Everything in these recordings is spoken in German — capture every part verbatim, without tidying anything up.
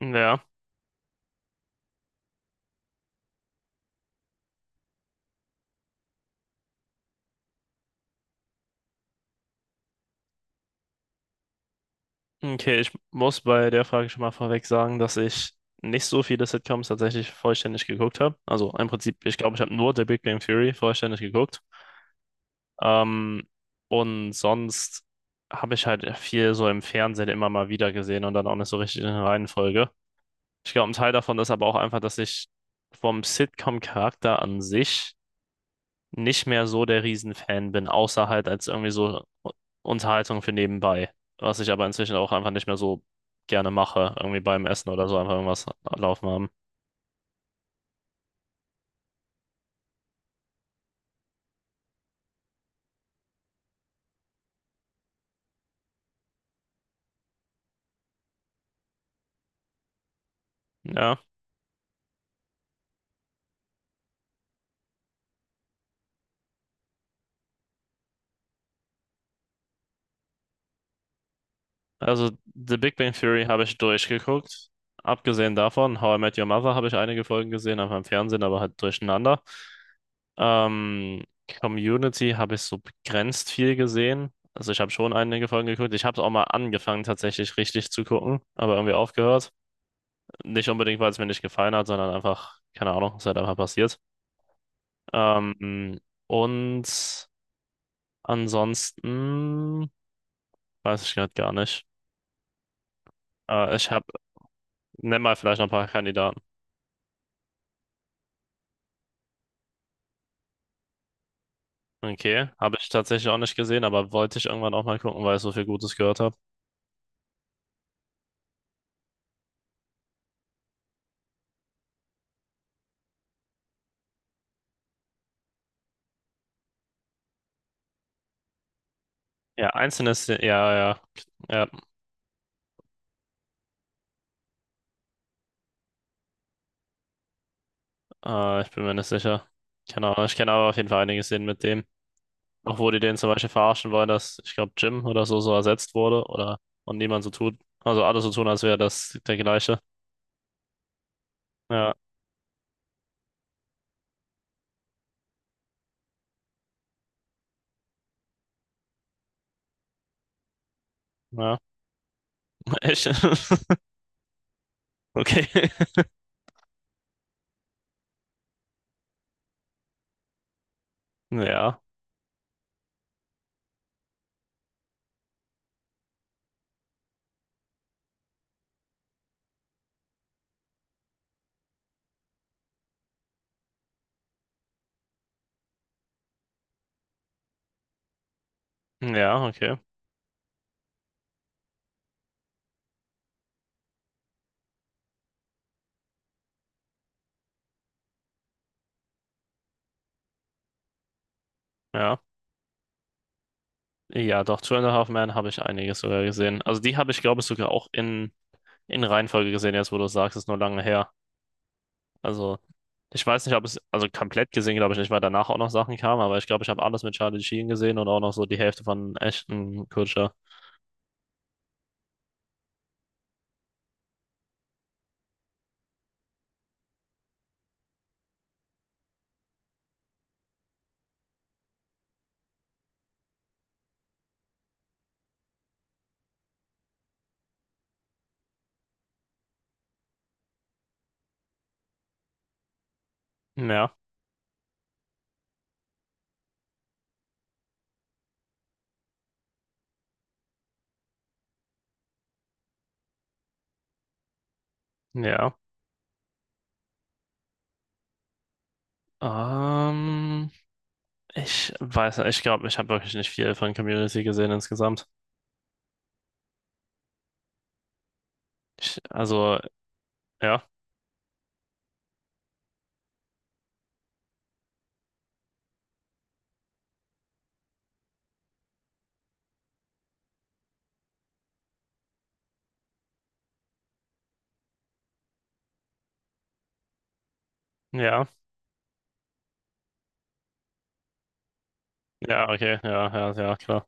Ja, okay, ich muss bei der Frage schon mal vorweg sagen, dass ich nicht so viele Sitcoms tatsächlich vollständig geguckt habe. Also im Prinzip, ich glaube, ich habe nur The Big Bang Theory vollständig geguckt. Ähm, und sonst habe ich halt viel so im Fernsehen immer mal wieder gesehen und dann auch nicht so richtig in der Reihenfolge. Ich glaube, ein Teil davon ist aber auch einfach, dass ich vom Sitcom-Charakter an sich nicht mehr so der Riesenfan bin, außer halt als irgendwie so Unterhaltung für nebenbei, was ich aber inzwischen auch einfach nicht mehr so gerne mache, irgendwie beim Essen oder so einfach irgendwas laufen haben. Ja, also The Big Bang Theory habe ich durchgeguckt. Abgesehen davon, How I Met Your Mother habe ich einige Folgen gesehen, einfach im Fernsehen, aber halt durcheinander. Ähm, Community habe ich so begrenzt viel gesehen. Also ich habe schon einige Folgen geguckt. Ich habe es auch mal angefangen, tatsächlich richtig zu gucken, aber irgendwie aufgehört. Nicht unbedingt, weil es mir nicht gefallen hat, sondern einfach, keine Ahnung, es ist halt einfach passiert. Ähm, und ansonsten weiß ich gerade gar nicht. Äh, ich habe, nenn mal vielleicht noch ein paar Kandidaten. Okay, habe ich tatsächlich auch nicht gesehen, aber wollte ich irgendwann auch mal gucken, weil ich so viel Gutes gehört habe. Ja, einzelne Szenen, ja, ja, ja, äh, ich bin mir nicht sicher. Keine Ahnung, ich kenne aber auf jeden Fall einige Szenen mit dem. Auch wo die den zum Beispiel verarschen wollen, dass ich glaube Jim oder so so ersetzt wurde oder und niemand so tut, also alle so tun, als wäre das der gleiche. Ja, ja, echt. Okay. Ja, ja, okay. Ja. Ja, doch, Two and a Half Men habe ich einiges sogar gesehen. Also die habe ich, glaube ich, sogar auch in, in Reihenfolge gesehen, jetzt wo du sagst, ist nur lange her. Also ich weiß nicht, ob es, also komplett gesehen, glaube ich nicht, weil danach auch noch Sachen kamen, aber ich glaube, ich habe alles mit Charlie Sheen gesehen und auch noch so die Hälfte von Ashton Kutcher. Ja, ja. Ähm, ich weiß nicht, ich glaube, ich habe wirklich nicht viel von Community gesehen insgesamt. Ich, also, ja, ja, ja, okay, ja, ja, ja, klar.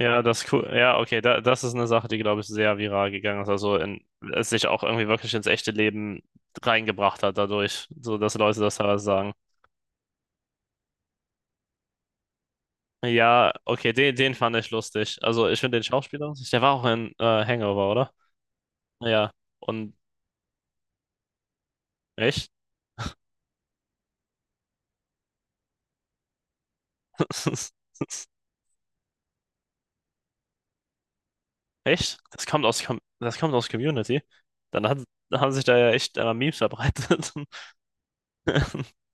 Ja, das ist cool. Ja, okay, da, das ist eine Sache, die, glaube ich, sehr viral gegangen ist. Also, in, es sich auch irgendwie wirklich ins echte Leben reingebracht hat dadurch, so dass Leute das teilweise sagen. Ja, okay, den, den fand ich lustig. Also, ich finde den Schauspieler, der war auch in äh, Hangover, oder? Ja, und echt? Echt? Das kommt aus, Com- das kommt aus Community. Dann hat, haben sich da ja echt einmal Memes verbreitet.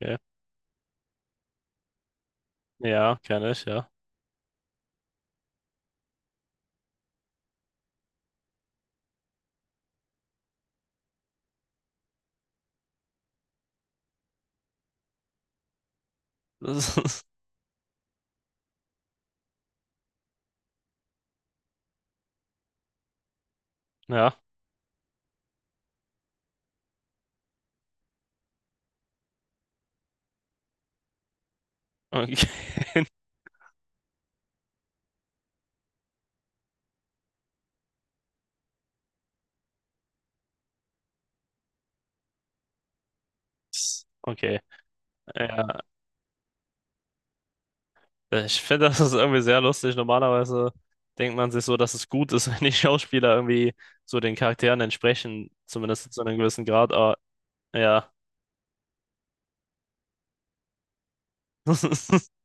Okay. Ja, kenne ich, ja. Das ist, ja, okay. Okay. Ja. Ich finde, das ist irgendwie sehr lustig. Normalerweise denkt man sich so, dass es gut ist, wenn die Schauspieler irgendwie so den Charakteren entsprechen, zumindest zu einem gewissen Grad. Aber ja.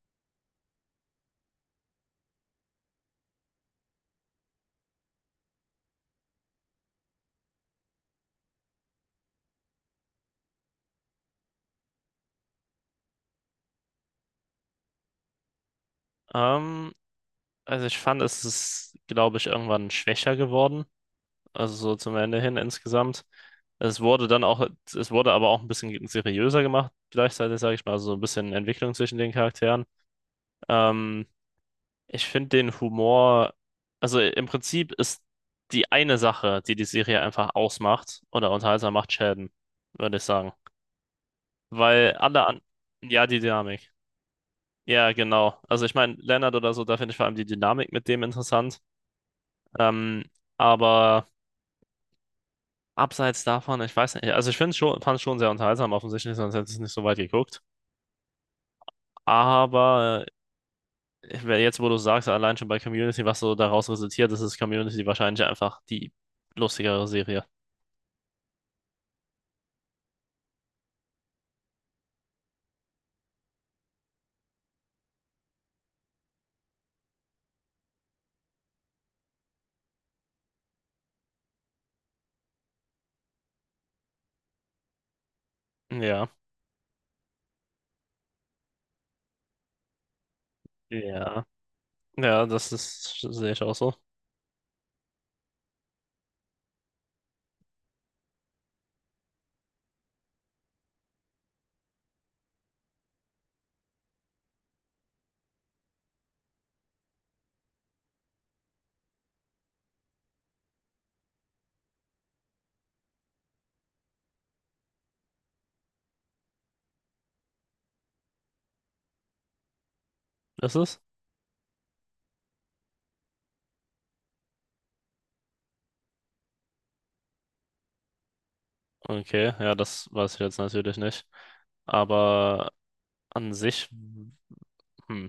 Ähm, also ich fand, es ist, glaube ich, irgendwann schwächer geworden. Also so zum Ende hin insgesamt. Es wurde dann auch, es wurde aber auch ein bisschen seriöser gemacht, gleichzeitig, sage ich mal, also so ein bisschen Entwicklung zwischen den Charakteren. Ähm, ich finde den Humor, also im Prinzip ist die eine Sache, die die Serie einfach ausmacht oder unterhaltsam macht, Sheldon, würde ich sagen. Weil alle an, ja, die Dynamik. Ja, genau. Also ich meine, Leonard oder so, da finde ich vor allem die Dynamik mit dem interessant. Ähm, aber. Abseits davon, ich weiß nicht, also ich finde schon, fand es schon sehr unterhaltsam, offensichtlich, sonst hätte ich es nicht so weit geguckt. Aber äh, wer- jetzt, wo du sagst, allein schon bei Community, was so daraus resultiert ist, ist Community wahrscheinlich einfach die lustigere Serie. Ja, ja, ja, das ist, sehe ich auch so. Ist es? Okay, ja, das weiß ich jetzt natürlich nicht. Aber an sich, hm.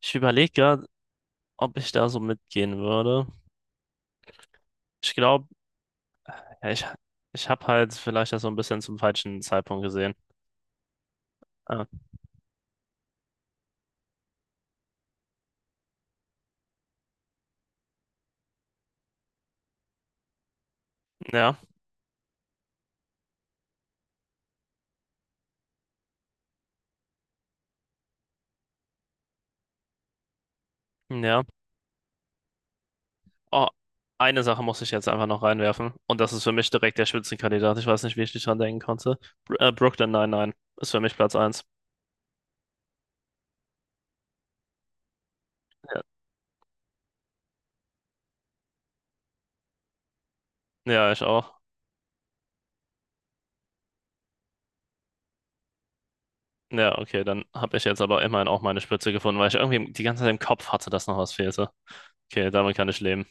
Ich überlege gerade, ob ich da so mitgehen würde. Ich glaube, ich, ich habe halt vielleicht das so ein bisschen zum falschen Zeitpunkt gesehen. Ah, ja, ja. Oh, eine Sache muss ich jetzt einfach noch reinwerfen. Und das ist für mich direkt der Spitzenkandidat. Ich weiß nicht, wie ich nicht dran denken konnte. Br äh, Brooklyn neunundneunzig ist für mich Platz eins. Ja, ja, ich auch. Ja, okay, dann habe ich jetzt aber immerhin auch meine Spitze gefunden, weil ich irgendwie die ganze Zeit im Kopf hatte, dass noch was fehlte. Okay, damit kann ich leben.